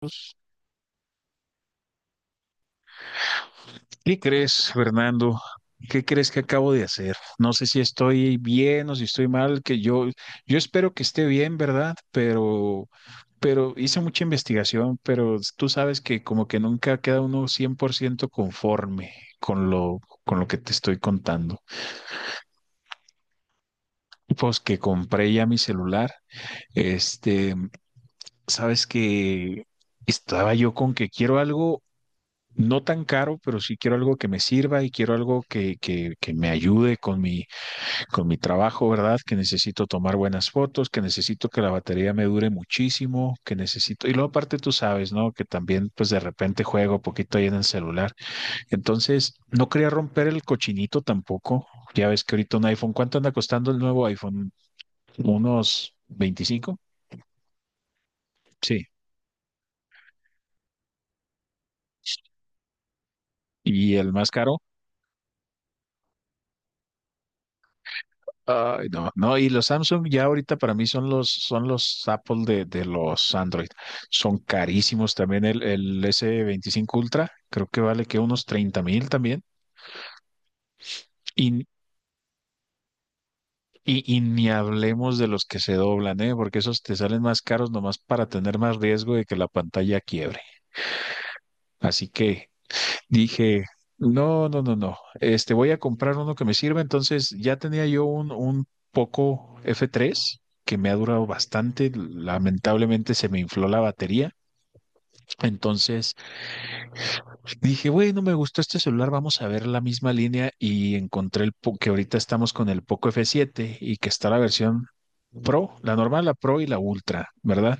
Pues, ¿qué crees, Fernando? ¿Qué crees que acabo de hacer? No sé si estoy bien o si estoy mal, que yo espero que esté bien, ¿verdad? Pero hice mucha investigación, pero tú sabes que como que nunca queda uno 100% conforme con lo, con lo que te estoy contando. Pues que compré ya mi celular, este, sabes que estaba yo con que quiero algo no tan caro, pero sí quiero algo que me sirva y quiero algo que me ayude con con mi trabajo, ¿verdad? Que necesito tomar buenas fotos, que necesito que la batería me dure muchísimo, que necesito, y luego aparte tú sabes, ¿no? Que también pues de repente juego poquito ahí en el celular. Entonces, no quería romper el cochinito tampoco. Ya ves que ahorita un iPhone, ¿cuánto anda costando el nuevo iPhone? ¿Unos 25? Sí. Y el más caro. Ay, no, no, y los Samsung ya ahorita para mí son son los Apple de los Android. Son carísimos también el S25 Ultra, creo que vale que unos 30 mil también. Y, y ni hablemos de los que se doblan, ¿eh? Porque esos te salen más caros nomás para tener más riesgo de que la pantalla quiebre. Así que. Dije, no, no, no, no, voy a comprar uno que me sirva. Entonces ya tenía yo un Poco F3 que me ha durado bastante. Lamentablemente se me infló la batería. Entonces dije, bueno, me gustó este celular, vamos a ver la misma línea y encontré que ahorita estamos con el Poco F7 y que está la versión Pro, la normal, la Pro y la Ultra, ¿verdad?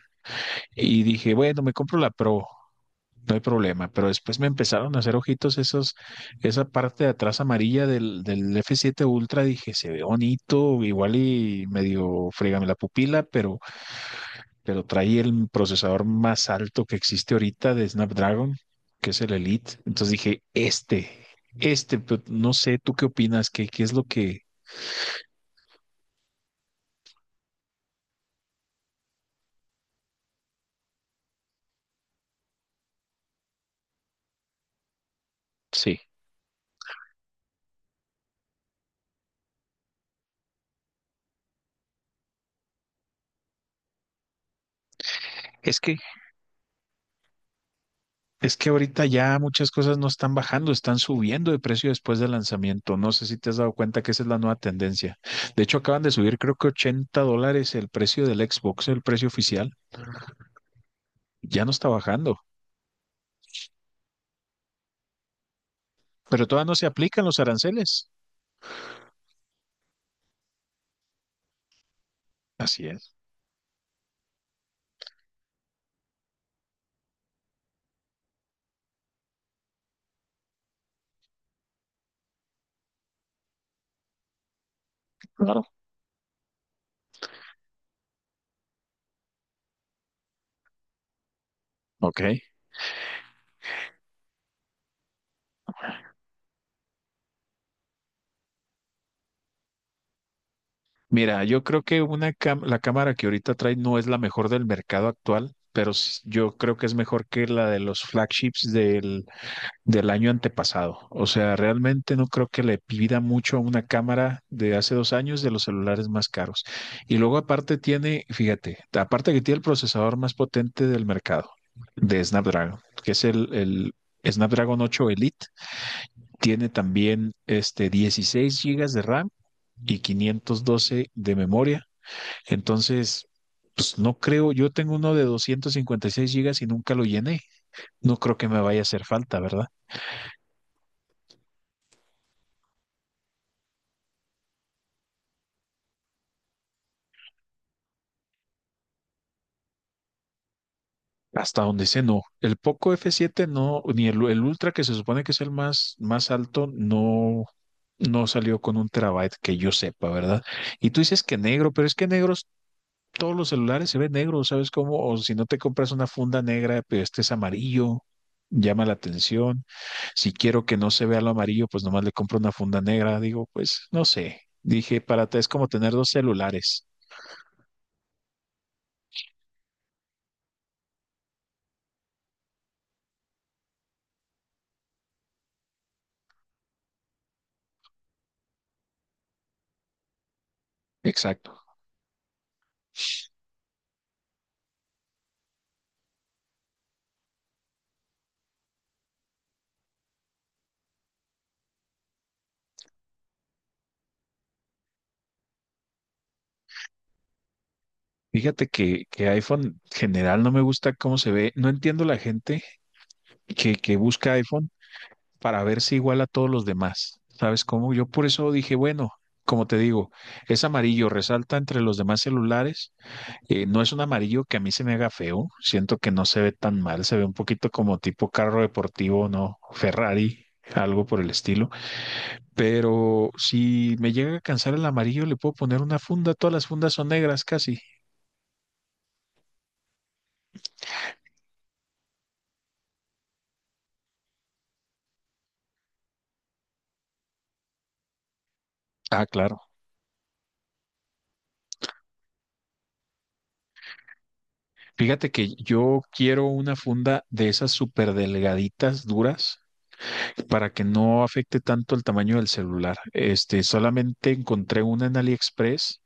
Y dije, bueno, me compro la Pro. No hay problema, pero después me empezaron a hacer ojitos esos, esa parte de atrás amarilla del F7 Ultra, dije, se ve bonito, igual y medio frígame la pupila, pero trae el procesador más alto que existe ahorita de Snapdragon, que es el Elite. Entonces dije, pero no sé, ¿tú qué opinas? ¿Qué es lo que... Sí. es que Es que ahorita ya muchas cosas no están bajando, están subiendo de precio después del lanzamiento. No sé si te has dado cuenta que esa es la nueva tendencia. De hecho, acaban de subir creo que $80 el precio del Xbox, el precio oficial. Ya no está bajando, pero todavía no se aplican los aranceles. Así es. Claro. Ok. Mira, yo creo que la cámara que ahorita trae no es la mejor del mercado actual, pero yo creo que es mejor que la de los flagships del año antepasado. O sea, realmente no creo que le pida mucho a una cámara de hace 2 años de los celulares más caros. Y luego aparte tiene, fíjate, aparte que tiene el procesador más potente del mercado, de Snapdragon, que es el Snapdragon 8 Elite, tiene también 16 gigas de RAM y 512 de memoria. Entonces, pues no creo, yo tengo uno de 256 gigas y nunca lo llené. No creo que me vaya a hacer falta, ¿verdad? Hasta donde sé, no. El Poco F7 no, ni el Ultra, que se supone que es el más alto, no, no salió con un terabyte que yo sepa, ¿verdad? Y tú dices que negro, pero es que negros, todos los celulares se ven negros, ¿sabes cómo? O si no te compras una funda negra, pero este es amarillo, llama la atención. Si quiero que no se vea lo amarillo, pues nomás le compro una funda negra. Digo, pues no sé. Dije, para ti es como tener dos celulares. Exacto. Fíjate que iPhone general no me gusta cómo se ve. No entiendo la gente que busca iPhone para verse igual a todos los demás. ¿Sabes cómo? Yo por eso dije, bueno, como te digo, es amarillo, resalta entre los demás celulares. No es un amarillo que a mí se me haga feo. Siento que no se ve tan mal. Se ve un poquito como tipo carro deportivo, ¿no? Ferrari, algo por el estilo. Pero si me llega a cansar el amarillo, le puedo poner una funda. Todas las fundas son negras casi. Ah, claro. Fíjate que yo quiero una funda de esas súper delgaditas, duras, para que no afecte tanto el tamaño del celular. Solamente encontré una en AliExpress.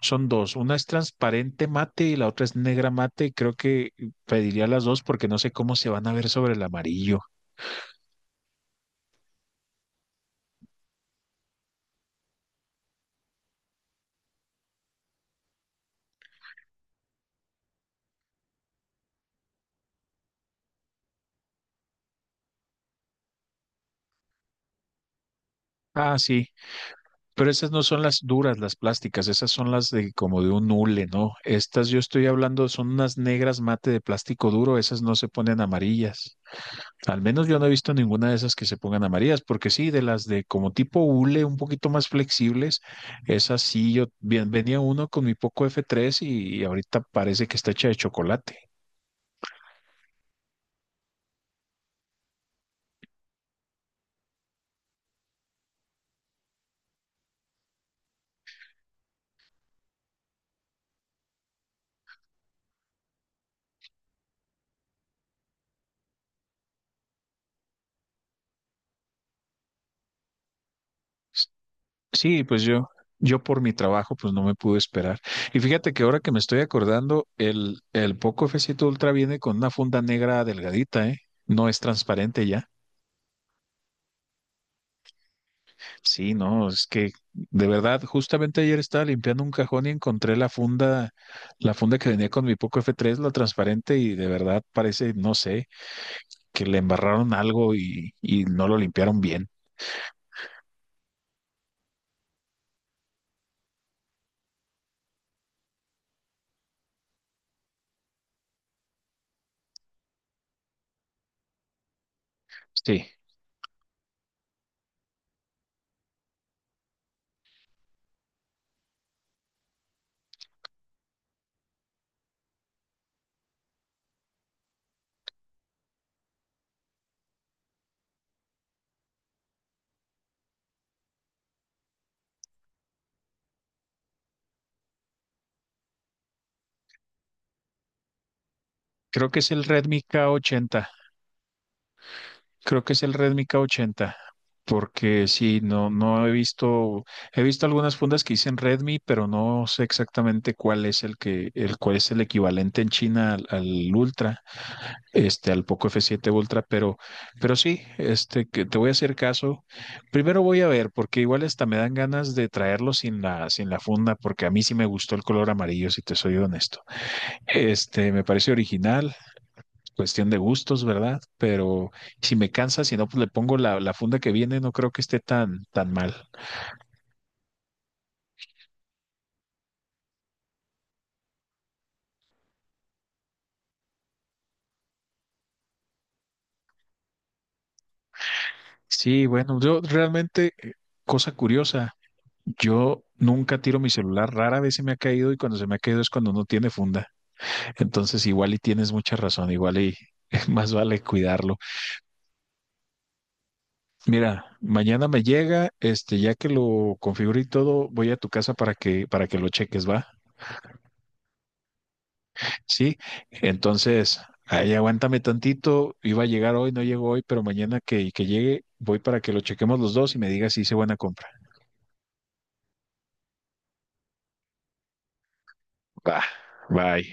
Son dos. Una es transparente mate y la otra es negra mate. Creo que pediría las dos porque no sé cómo se van a ver sobre el amarillo. Ah, sí. Pero esas no son las duras, las plásticas. Esas son las de como de un hule, ¿no? Estas yo estoy hablando son unas negras mate de plástico duro. Esas no se ponen amarillas. Al menos yo no he visto ninguna de esas que se pongan amarillas, porque sí, de las de como tipo hule, un poquito más flexibles, esas sí, yo bien, venía uno con mi Poco F3 y ahorita parece que está hecha de chocolate. Sí, pues yo por mi trabajo, pues no me pude esperar. Y fíjate que ahora que me estoy acordando, el Poco f siete Ultra viene con una funda negra delgadita, ¿eh? No es transparente ya. Sí, no, es que de verdad, justamente ayer estaba limpiando un cajón y encontré la funda que venía con mi Poco F3, la transparente, y de verdad parece, no sé, que le embarraron algo y no lo limpiaron bien. Sí, creo que es el Redmi K80. Creo que es el Redmi K80, porque sí, no, no he visto, he visto algunas fundas que dicen Redmi, pero no sé exactamente cuál es el que, el cuál es el equivalente en China al Ultra. Al Poco F7 Ultra, pero sí, que te voy a hacer caso. Primero voy a ver, porque igual hasta me dan ganas de traerlo sin la funda, porque a mí sí me gustó el color amarillo, si te soy honesto. Me parece original, cuestión de gustos, ¿verdad? Pero si me cansa, si no, pues le pongo la funda que viene, no creo que esté tan, tan mal. Sí, bueno, yo realmente, cosa curiosa, yo nunca tiro mi celular, rara vez se me ha caído y cuando se me ha caído es cuando no tiene funda. Entonces, igual y tienes mucha razón, igual y más vale cuidarlo. Mira, mañana me llega, ya que lo configure y todo, voy a tu casa para que lo cheques, ¿va? Sí, entonces, ahí aguántame tantito, iba a llegar hoy, no llegó hoy, pero mañana que llegue, voy para que lo chequemos los dos y me digas si hice buena compra. Va, bye.